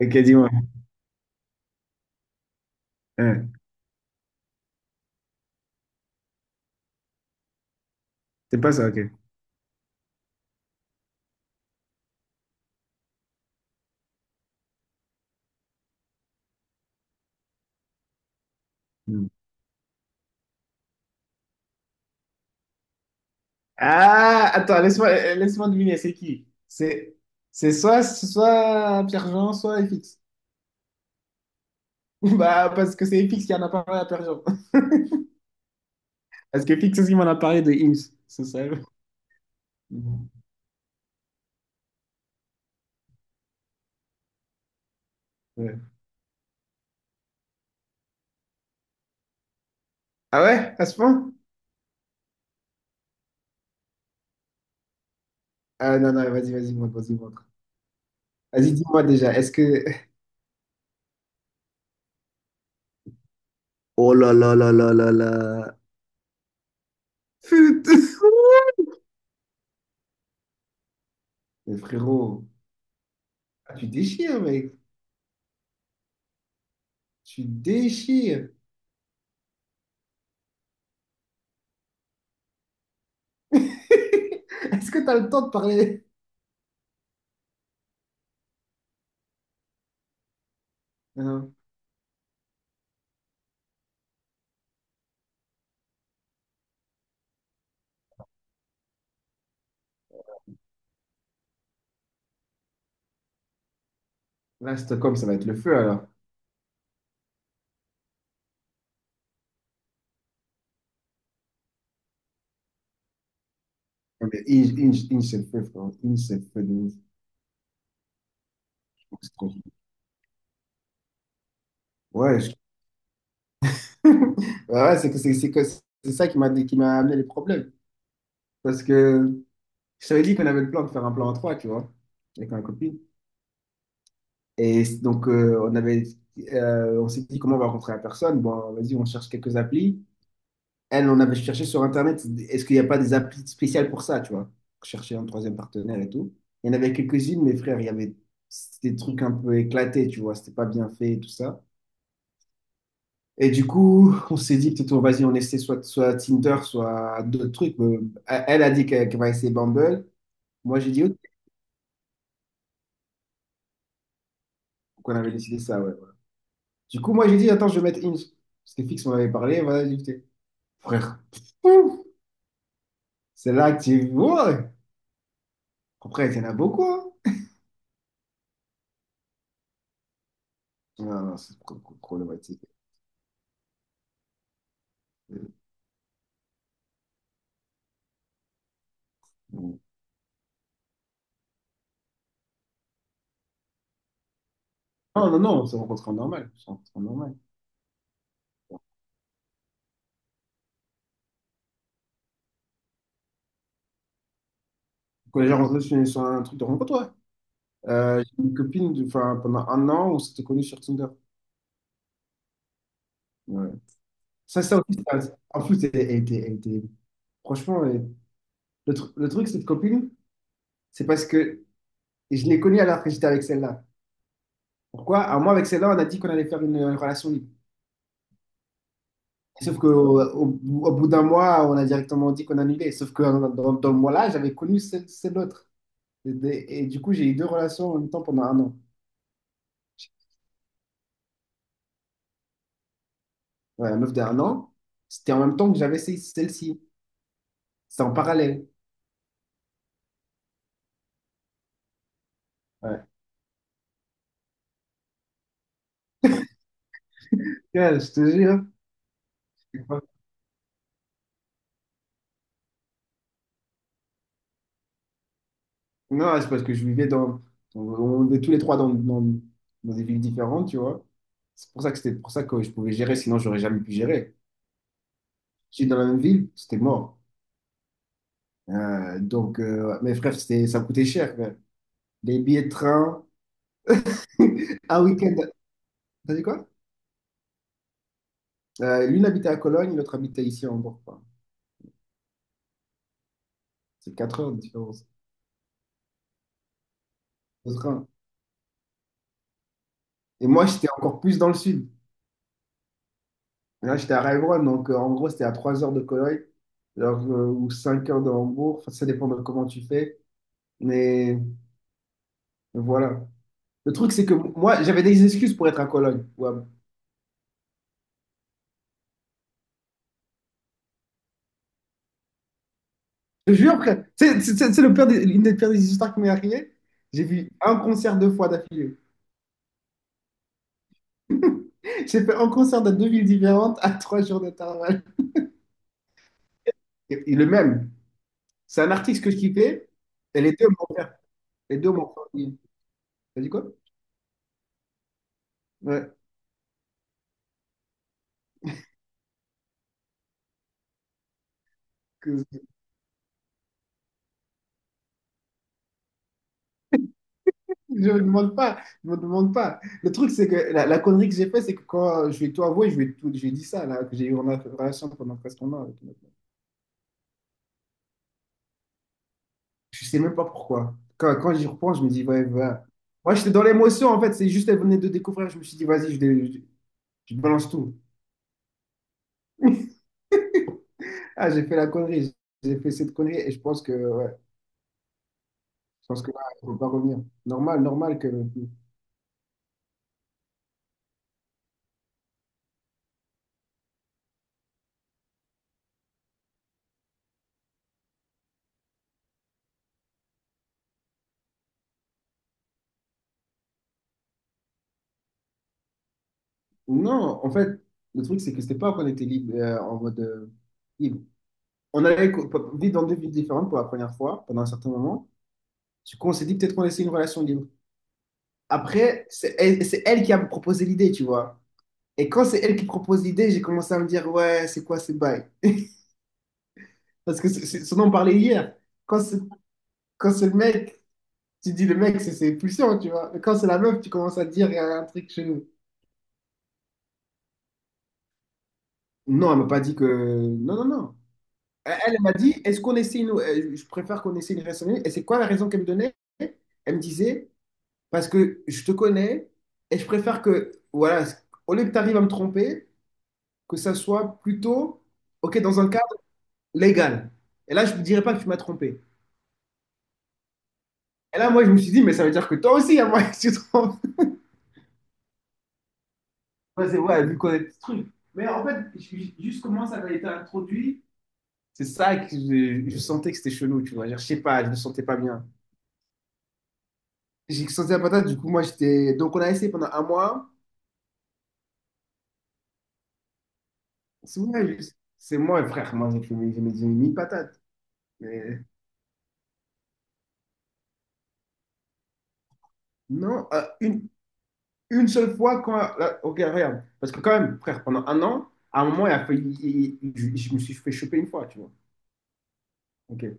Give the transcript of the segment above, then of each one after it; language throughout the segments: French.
Ok, dis-moi. Hein, c'est pas ça, ok. Hmm. Ah, attends, laisse-moi deviner, c'est qui? C'est soit, soit Pierre-Jean, soit FX. Bah, parce que c'est FX qui en a parlé à Pierre-Jean. Parce que FX aussi m'en a parlé de Ims, c'est ça. Hmm. Ouais. Ah ouais, à ce point? Ah non, non, vas-y, vas-y, montre, vas-y, montre. Vas-y, dis-moi déjà, est-ce que... Oh là là là là là là. Putain. Mais frérot, ah, tu déchires, mec. Tu déchires. Est-ce que t'as le temps de parler? Hein. Là, Stockholm, ça va être le feu alors. Non, mais Inge, Inge, Inge, c'est le feu, frère. Inge, c'est le feu de ouf. Donc, Ouais, je- Ouais, ouais, c'est ça qui m'a amené les problèmes. Parce que je t'avais dit qu'on avait le plan de faire un plan à trois, tu vois, avec ma copine. Et donc, euh, on avait, on s'est dit comment on va rencontrer la personne. Bon, vas-y, on cherche quelques applis. Elle, on avait cherché sur Internet, est-ce qu'il n'y a pas des applis spéciales pour ça, tu vois? Chercher un troisième partenaire et tout. Il y en avait quelques-unes, mais frère, il y avait c'était des trucs un peu éclatés, tu vois, c'était pas bien fait et tout ça. Et du coup, on s'est dit, peut-être, vas-y, on essaie soit, soit Tinder, soit d'autres trucs. Elle a dit qu'elle va essayer Bumble. Moi, j'ai dit, ok, qu'on avait décidé ça, ouais, voilà. Du coup, moi, j'ai dit, attends, je vais mettre Hinge. Parce que Fix m'en avait parlé, voilà, j'ai dit, frère, pouf, c'est là que tu vois. Après, il y en a beaucoup, hein. Non, non, c'est problématique. Non, non, non, c'est s'est rencontrés en normal. On s'est en normal. On est déjà rencontrés sur, sur un truc de rencontre, ouais. J'ai une copine, enfin, pendant un an, on s'était connus sur Tinder. Ouais. Ça aussi, en plus, elle, franchement, le truc, cette copine, c'est parce que je l'ai connue alors que j'étais avec celle-là. Pourquoi? Alors, moi, avec celle-là, on a dit qu'on allait faire une relation libre. Sauf qu'au au, au- au bout d'un mois, on a directement dit qu'on annulait. Sauf dans le mois-là, j'avais connu celle autre. Et du coup, j'ai eu deux relations en même temps pendant un an. Ouais, la meuf d'un an, c'était en même temps que celle-ci. C'était en parallèle. Ouais. Ouais, je te jure. C'est pas- Non, c'est parce que je vivais dans. On vivait tous les trois dans des villes différentes, tu vois. C'est pour ça que c'était pour ça que je pouvais gérer, sinon j'aurais jamais pu gérer. J'étais dans la même ville, c'était mort. Mes frères, c'était, ça coûtait cher, frère. Les billets de train, un week-end. T'as dit quoi? L'une habitait à Cologne, l'autre habitait ici en Bourgogne. C'est 4 heures de différence de train. Et moi, j'étais encore plus dans le sud. Là, j'étais à Heilbronn, en gros, c'était à 3 heures de Cologne alors, ou 5 heures de Hambourg. Enfin, ça dépend de comment tu fais. Mais voilà. Le truc, c'est que moi, j'avais des excuses pour être à Cologne. Ouais. Je te jure, frère. C'est le pire des- l'une des pires des histoires qui m'est arrivée. J'ai vu un concert deux fois d'affilée. J'ai fait un concert dans deux villes différentes à trois jours d'intervalle. Et le même. C'est un artiste que je kiffais. Et les deux m'ont fait. Les deux m'ont fait. T'as dit quoi? Ouais. Que- Je me demande pas, je me demande pas. Le truc, c'est que la connerie que j'ai fait, c'est que quand je vais tout avouer, je vais tout, j'ai dit ça, là, que j'ai eu en relation pendant presque un an avec une autre. Je sais même pas pourquoi. Quand j'y repense, je me dis, ouais, voilà. Moi, j'étais dans l'émotion, en fait, c'est juste, elle venait de découvrir, je me suis dit, vas-y, je balance tout. Ah, j'ai fait la connerie, j'ai fait cette connerie, et je pense que, ouais, je pense que là, il faut pas revenir. Normal, normal que. Non, en fait, le truc, c'est que c'était pas qu'on était libre, en mode, libre. On allait vivre dans deux villes différentes pour la première fois, pendant un certain moment. Du coup, on s'est dit peut-être qu'on essaie une relation libre. Après, c'est elle qui a proposé l'idée, tu vois. Et quand c'est elle qui propose l'idée, j'ai commencé à me dire, ouais, c'est quoi ces bails? Parce que c'est ce dont on parlait hier. Quand c'est quand c'est le mec, tu dis le mec, c'est pulsion, tu vois. Mais quand c'est la meuf, tu commences à dire, il y a un truc chez nous. Non, elle m'a pas dit que. Non, non, non. Elle m'a dit, est-ce qu'on essaie une, je préfère qu'on essaie une relation libre. Et c'est quoi la raison qu'elle me donnait? Elle me disait, parce que je te connais et je préfère que, voilà, au lieu que tu arrives à me tromper, que ça soit plutôt, OK, dans un cadre légal. Et là, je ne dirais pas que tu m'as trompé. Et là, moi, je me suis dit, mais ça veut dire que toi aussi, à moi, tu te trompes. Ouais, c'est ouais, vu qu'on est ce truc. Mais en fait, juste comment ça avait été introduit, c'est ça que je sentais que c'était chelou, tu vois. Genre, je sais pas, je me sentais pas bien. J'ai senti la patate, du coup, moi, j'étais. Donc, on a essayé pendant un mois. C'est moi, je- c'est moi, frère, moi, j'ai fait mes j'ai mis une patate. Mais non, une seule fois quand, là, ok, regarde. Parce que quand même, frère, pendant un an, à un moment, il a failli- il- je, me suis fait choper une fois, tu vois. Ok.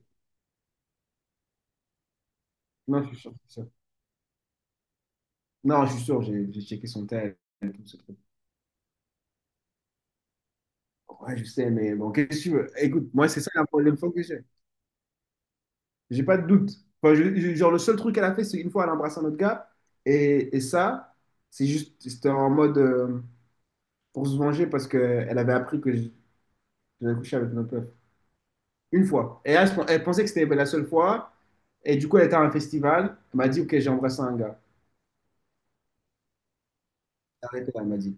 Non, je suis sûr. Non, je suis sûr, j'ai checké son tel et tout ce truc. Ouais, je sais, mais bon, qu'est-ce que tu veux? Écoute, moi, c'est ça la problème fois que j'ai. J'ai pas de doute. Enfin, genre, le seul truc qu'elle a fait, c'est une fois, elle a embrassé un autre gars. Et ça, c'est juste, c'était en mode pour se venger parce qu'elle avait appris que j'avais couché avec une autre meuf. Une fois. Et elle, elle pensait que c'était la seule fois. Et du coup, elle était à un festival. Elle m'a dit, OK, j'ai embrassé un gars. Arrêtez là, elle m'a dit.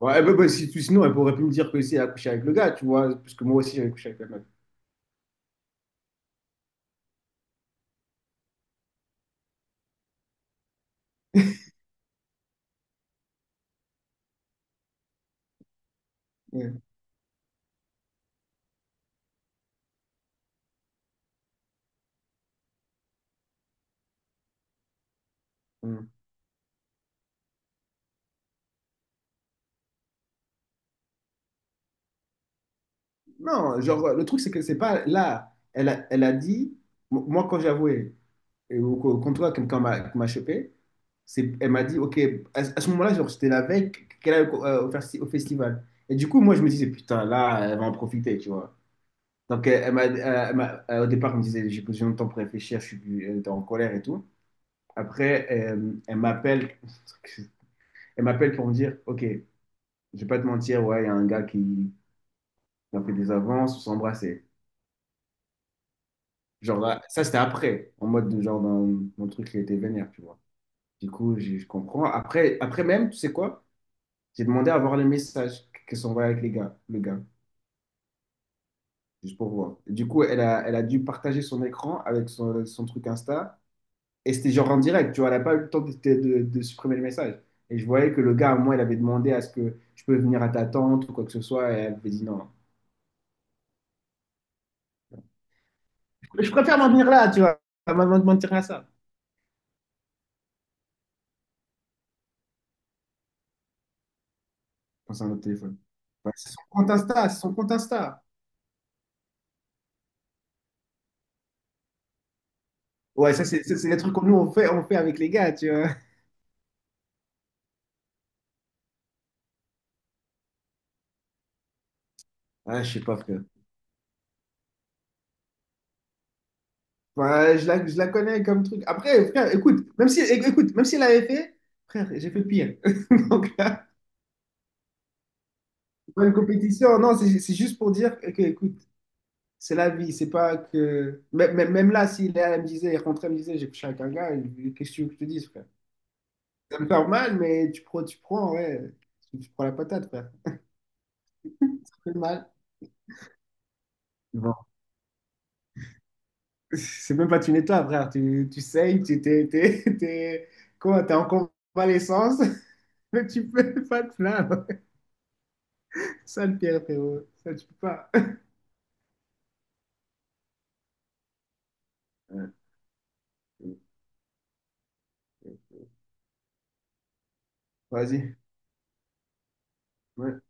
Ouais, bah, sinon, elle pourrait plus me dire que si elle a couché avec le gars, tu vois, parce que moi aussi, j'avais couché avec la meuf. Ouais. Mm. Non, genre, le truc, c'est que c'est pas là. Elle a dit, moi, quand j'avouais, et au comptoir, quelqu'un m'a qui m'a chopé, c'est, elle m'a dit, OK, à ce moment-là, genre, c'était la veille qu'elle allait au festival. Et du coup, moi, je me disais, putain, là, elle va en profiter, tu vois. Donc, elle m'a, au départ, elle me disait, j'ai besoin de temps pour réfléchir, elle était en colère et tout. Après, elle m'appelle, elle m'appelle pour me dire, OK, je vais pas te mentir, ouais, il y a un gars qui a fait des avances, on s'est embrassé. Genre, là, ça, c'était après, en mode, de, genre, dans mon truc qui était vénère, tu vois. Du coup, je comprends. Après, après même, tu sais quoi? J'ai demandé à voir les messages qui sont envoyés avec le gars, juste pour voir. Du coup, elle a dû partager son écran avec son truc Insta. Et c'était genre en direct, tu vois, elle n'a pas eu le temps de, de supprimer le message. Et je voyais que le gars, au moins, il avait demandé à ce que je peux venir à ta tante ou quoi que ce soit, et elle avait dit non. Je préfère m'en venir là, tu vois, à m'en mentir à ça. Enfin, c'est un autre téléphone. Ouais, c'est son compte Insta, c'est son compte Insta. Ouais, ça, c'est les trucs que nous, on fait avec les gars, tu vois. Ah, je sais pas, frère. Ouais, je la connais comme truc. Après, frère, écoute, même si elle avait fait, frère, j'ai fait pire. Donc là, c'est pas une compétition. Non, c'est juste pour dire que, écoute, c'est la vie, c'est pas que. Même là, si Léa elle me disait, elle rentrait, elle me disait, j'ai couché avec un gars, et qu'est-ce que tu veux que je te dise, frère? Ça me fait mal, mais tu prends, ouais, tu prends la patate, frère. Ça fait mal. Bon. C'est même pas une étoile, frère. Tu saignes, t'es- quoi, t'es en convalescence, mais tu peux pas te plaindre. Ça, le pire, frérot. Ça, tu peux pas. Ouais. Vas-y. Ouais.